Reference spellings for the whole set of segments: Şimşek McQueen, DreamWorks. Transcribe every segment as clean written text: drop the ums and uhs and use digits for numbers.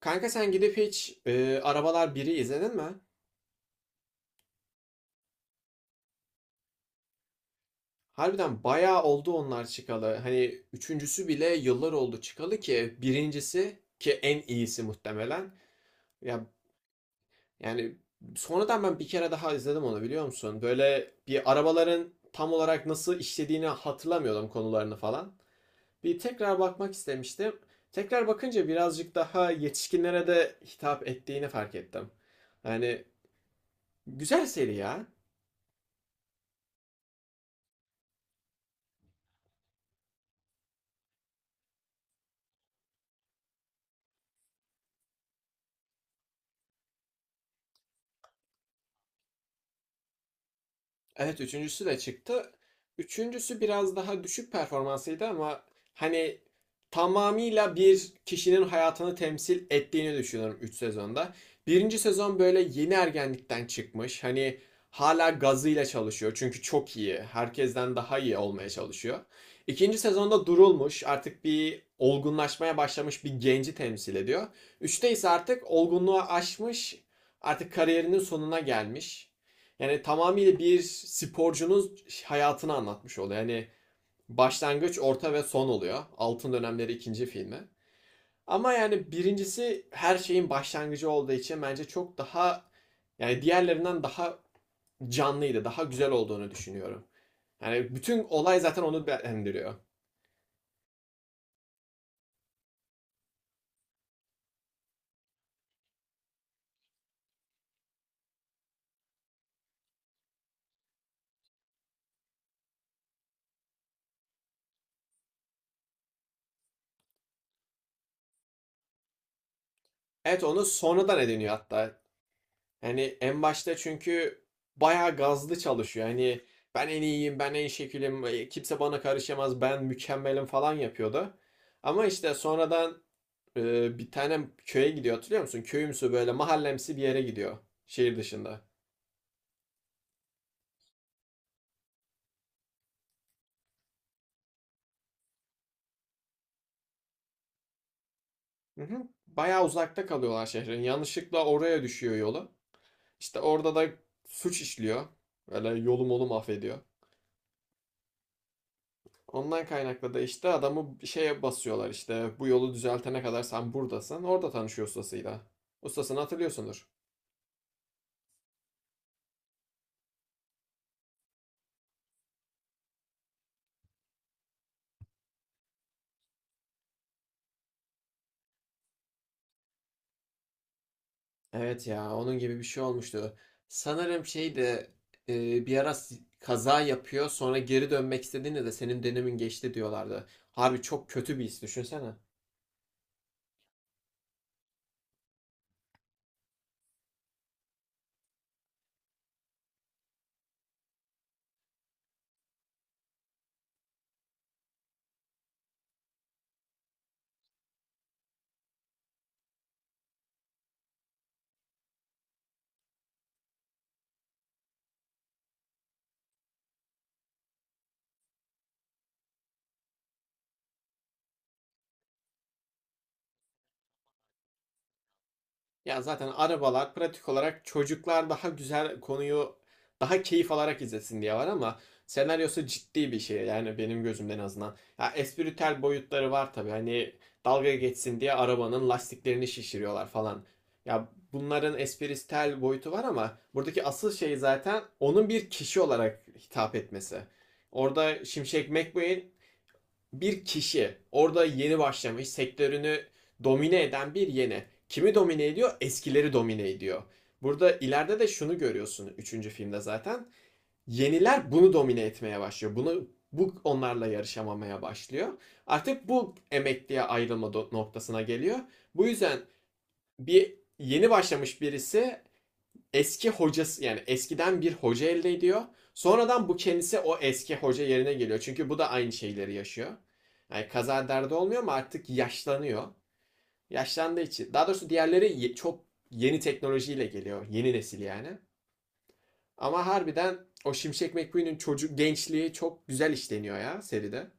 Kanka sen gidip hiç Arabalar biri izledin mi? Harbiden bayağı oldu onlar çıkalı. Hani üçüncüsü bile yıllar oldu çıkalı ki birincisi ki en iyisi muhtemelen. Ya yani sonradan ben bir kere daha izledim onu, biliyor musun? Böyle bir arabaların tam olarak nasıl işlediğini hatırlamıyordum, konularını falan. Bir tekrar bakmak istemiştim. Tekrar bakınca birazcık daha yetişkinlere de hitap ettiğini fark ettim. Yani güzel seri ya. Evet, üçüncüsü de çıktı. Üçüncüsü biraz daha düşük performansıydı ama hani tamamıyla bir kişinin hayatını temsil ettiğini düşünüyorum 3 sezonda. Birinci sezon böyle yeni ergenlikten çıkmış. Hani hala gazıyla çalışıyor çünkü çok iyi. Herkesten daha iyi olmaya çalışıyor. İkinci sezonda durulmuş, artık bir olgunlaşmaya başlamış bir genci temsil ediyor. Üçte ise artık olgunluğa aşmış, artık kariyerinin sonuna gelmiş. Yani tamamıyla bir sporcunun hayatını anlatmış oluyor. Yani başlangıç, orta ve son oluyor. Altın Dönemleri ikinci filmi. Ama yani birincisi her şeyin başlangıcı olduğu için bence çok daha, yani diğerlerinden daha canlıydı, daha güzel olduğunu düşünüyorum. Yani bütün olay zaten onu beğendiriyor. Evet, onu sonradan ediniyor hatta. Yani en başta çünkü bayağı gazlı çalışıyor. Hani ben en iyiyim, ben en şekilim, kimse bana karışamaz, ben mükemmelim falan yapıyordu. Ama işte sonradan bir tane köye gidiyor, hatırlıyor musun? Köyümsü böyle mahallemsi bir yere gidiyor, şehir dışında. Hı hı. Bayağı uzakta kalıyorlar şehrin. Yanlışlıkla oraya düşüyor yolu. İşte orada da suç işliyor. Böyle yolum olum affediyor. Ondan kaynaklı da işte adamı şeye basıyorlar, işte bu yolu düzeltene kadar sen buradasın. Orada tanışıyor ustasıyla. Ustasını hatırlıyorsundur. Evet ya, onun gibi bir şey olmuştu. Sanırım şey de bir ara kaza yapıyor, sonra geri dönmek istediğinde de senin dönemin geçti diyorlardı. Harbi çok kötü bir his, düşünsene. Ya zaten arabalar pratik olarak çocuklar daha güzel konuyu daha keyif alarak izlesin diye var, ama senaryosu ciddi bir şey yani, benim gözümden en azından. Ya espritüel boyutları var tabii, hani dalga geçsin diye arabanın lastiklerini şişiriyorlar falan. Ya bunların espritüel boyutu var ama buradaki asıl şey zaten onun bir kişi olarak hitap etmesi. Orada Şimşek McQueen bir kişi, orada yeni başlamış, sektörünü domine eden bir yeni. Kimi domine ediyor? Eskileri domine ediyor. Burada ileride de şunu görüyorsun üçüncü filmde zaten. Yeniler bunu domine etmeye başlıyor. Bunu bu onlarla yarışamamaya başlıyor. Artık bu emekliye ayrılma noktasına geliyor. Bu yüzden bir yeni başlamış birisi eski hocası, yani eskiden bir hoca elde ediyor. Sonradan bu kendisi o eski hoca yerine geliyor. Çünkü bu da aynı şeyleri yaşıyor. Yani kaza derdi olmuyor ama artık yaşlanıyor. Yaşlandığı için. Daha doğrusu diğerleri çok yeni teknolojiyle geliyor. Yeni nesil yani. Ama harbiden o Şimşek McQueen'in çocuk gençliği çok güzel işleniyor ya seride.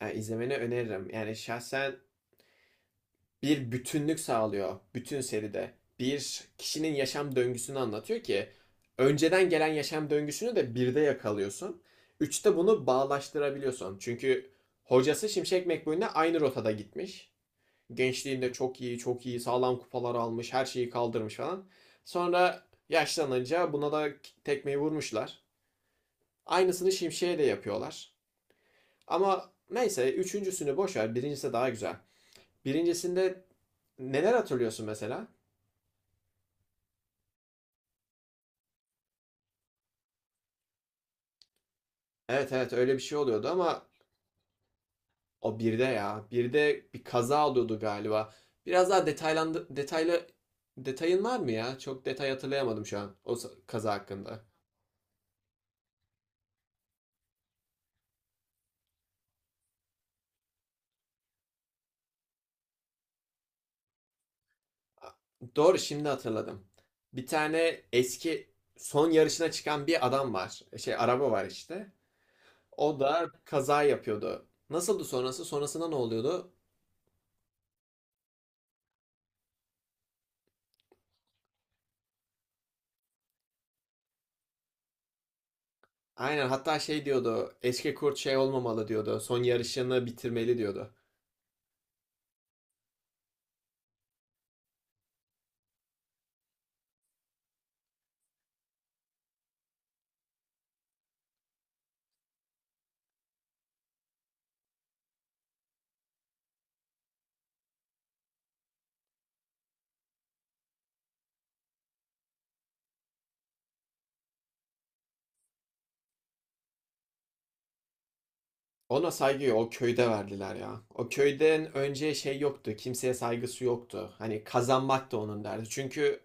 Yani izlemeni öneririm. Yani şahsen bir bütünlük sağlıyor bütün seride. Bir kişinin yaşam döngüsünü anlatıyor ki önceden gelen yaşam döngüsünü de birde yakalıyorsun. Üçte bunu bağlaştırabiliyorsun. Çünkü hocası Şimşek McQueen'le aynı rotada gitmiş. Gençliğinde çok iyi, çok iyi, sağlam kupalar almış, her şeyi kaldırmış falan. Sonra yaşlanınca buna da tekmeyi vurmuşlar. Aynısını Şimşek'e de yapıyorlar. Ama neyse, üçüncüsünü boş ver, birincisi daha güzel. Birincisinde neler hatırlıyorsun mesela? Evet evet, öyle bir şey oluyordu ama o birde ya. Birde bir kaza oluyordu galiba. Biraz daha detaylı detayın var mı ya? Çok detay hatırlayamadım şu an o kaza hakkında. A- Doğru, şimdi hatırladım. Bir tane eski son yarışına çıkan bir adam var. E, şey araba var işte. O da kaza yapıyordu. Nasıldı sonrası? Sonrasında ne oluyordu? Aynen, hatta şey diyordu. Eski kurt şey olmamalı diyordu. Son yarışını bitirmeli diyordu. Ona saygıyı o köyde verdiler ya. O köyden önce şey yoktu. Kimseye saygısı yoktu. Hani kazanmak da onun derdi. Çünkü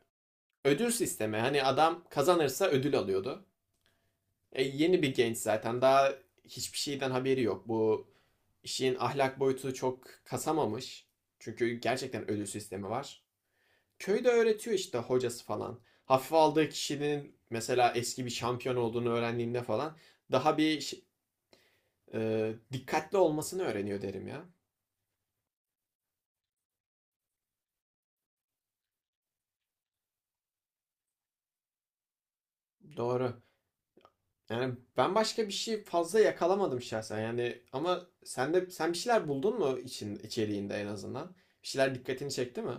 ödül sistemi. Hani adam kazanırsa ödül alıyordu. E, yeni bir genç zaten. Daha hiçbir şeyden haberi yok. Bu işin ahlak boyutu çok kasamamış. Çünkü gerçekten ödül sistemi var. Köyde öğretiyor işte hocası falan. Hafife aldığı kişinin mesela eski bir şampiyon olduğunu öğrendiğinde falan daha bir dikkatli olmasını öğreniyor derim ya. Doğru. Yani ben başka bir şey fazla yakalamadım şahsen. Yani ama sen de, sen bir şeyler buldun mu için içeriğinde en azından? Bir şeyler dikkatini çekti mi?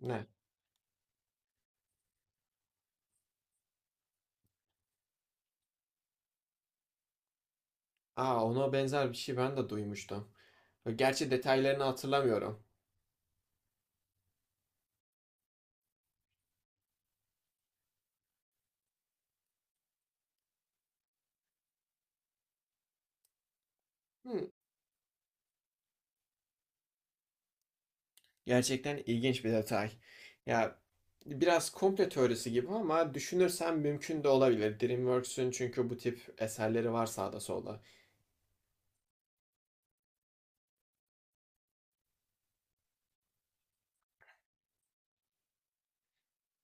Ne? Aa, ona benzer bir şey ben de duymuştum. Gerçi detaylarını hatırlamıyorum. Hmm, gerçekten ilginç bir detay. Ya biraz komplo teorisi gibi ama düşünürsen mümkün de olabilir. DreamWorks'ün çünkü bu tip eserleri var sağda solda.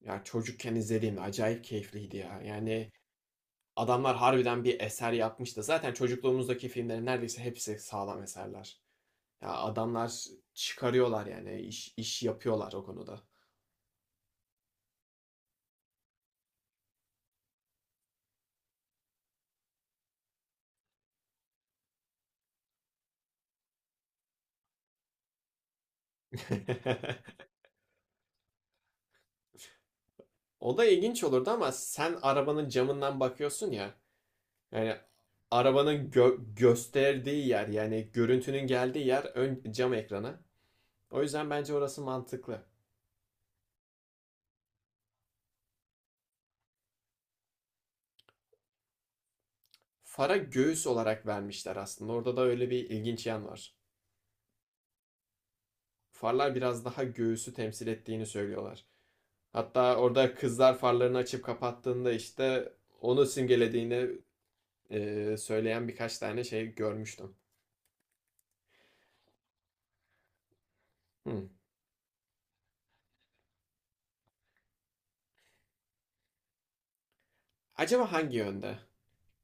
Ya çocukken izlediğimde acayip keyifliydi ya. Yani adamlar harbiden bir eser yapmış da zaten çocukluğumuzdaki filmlerin neredeyse hepsi sağlam eserler. Ya adamlar çıkarıyorlar, yani iş yapıyorlar o konuda. O da ilginç olurdu ama sen arabanın camından bakıyorsun ya. Yani arabanın gösterdiği yer, yani görüntünün geldiği yer ön cam ekranı. O yüzden bence orası mantıklı. Fara göğüs olarak vermişler aslında. Orada da öyle bir ilginç yan var. Farlar biraz daha göğüsü temsil ettiğini söylüyorlar. Hatta orada kızlar farlarını açıp kapattığında işte onu simgelediğini söyleyen birkaç tane şey görmüştüm. Hmm. Acaba hangi yönde?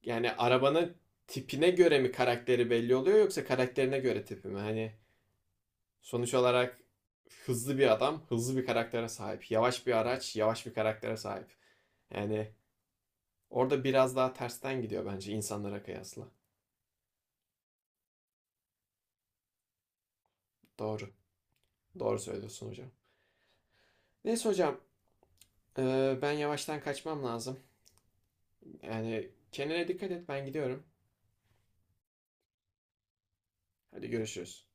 Yani arabanın tipine göre mi karakteri belli oluyor yoksa karakterine göre tipi mi? Hani sonuç olarak hızlı bir adam, hızlı bir karaktere sahip. Yavaş bir araç, yavaş bir karaktere sahip. Yani orada biraz daha tersten gidiyor bence insanlara kıyasla. Doğru. Doğru söylüyorsun hocam. Neyse hocam, ben yavaştan kaçmam lazım. Yani kendine dikkat et, ben gidiyorum. Hadi görüşürüz.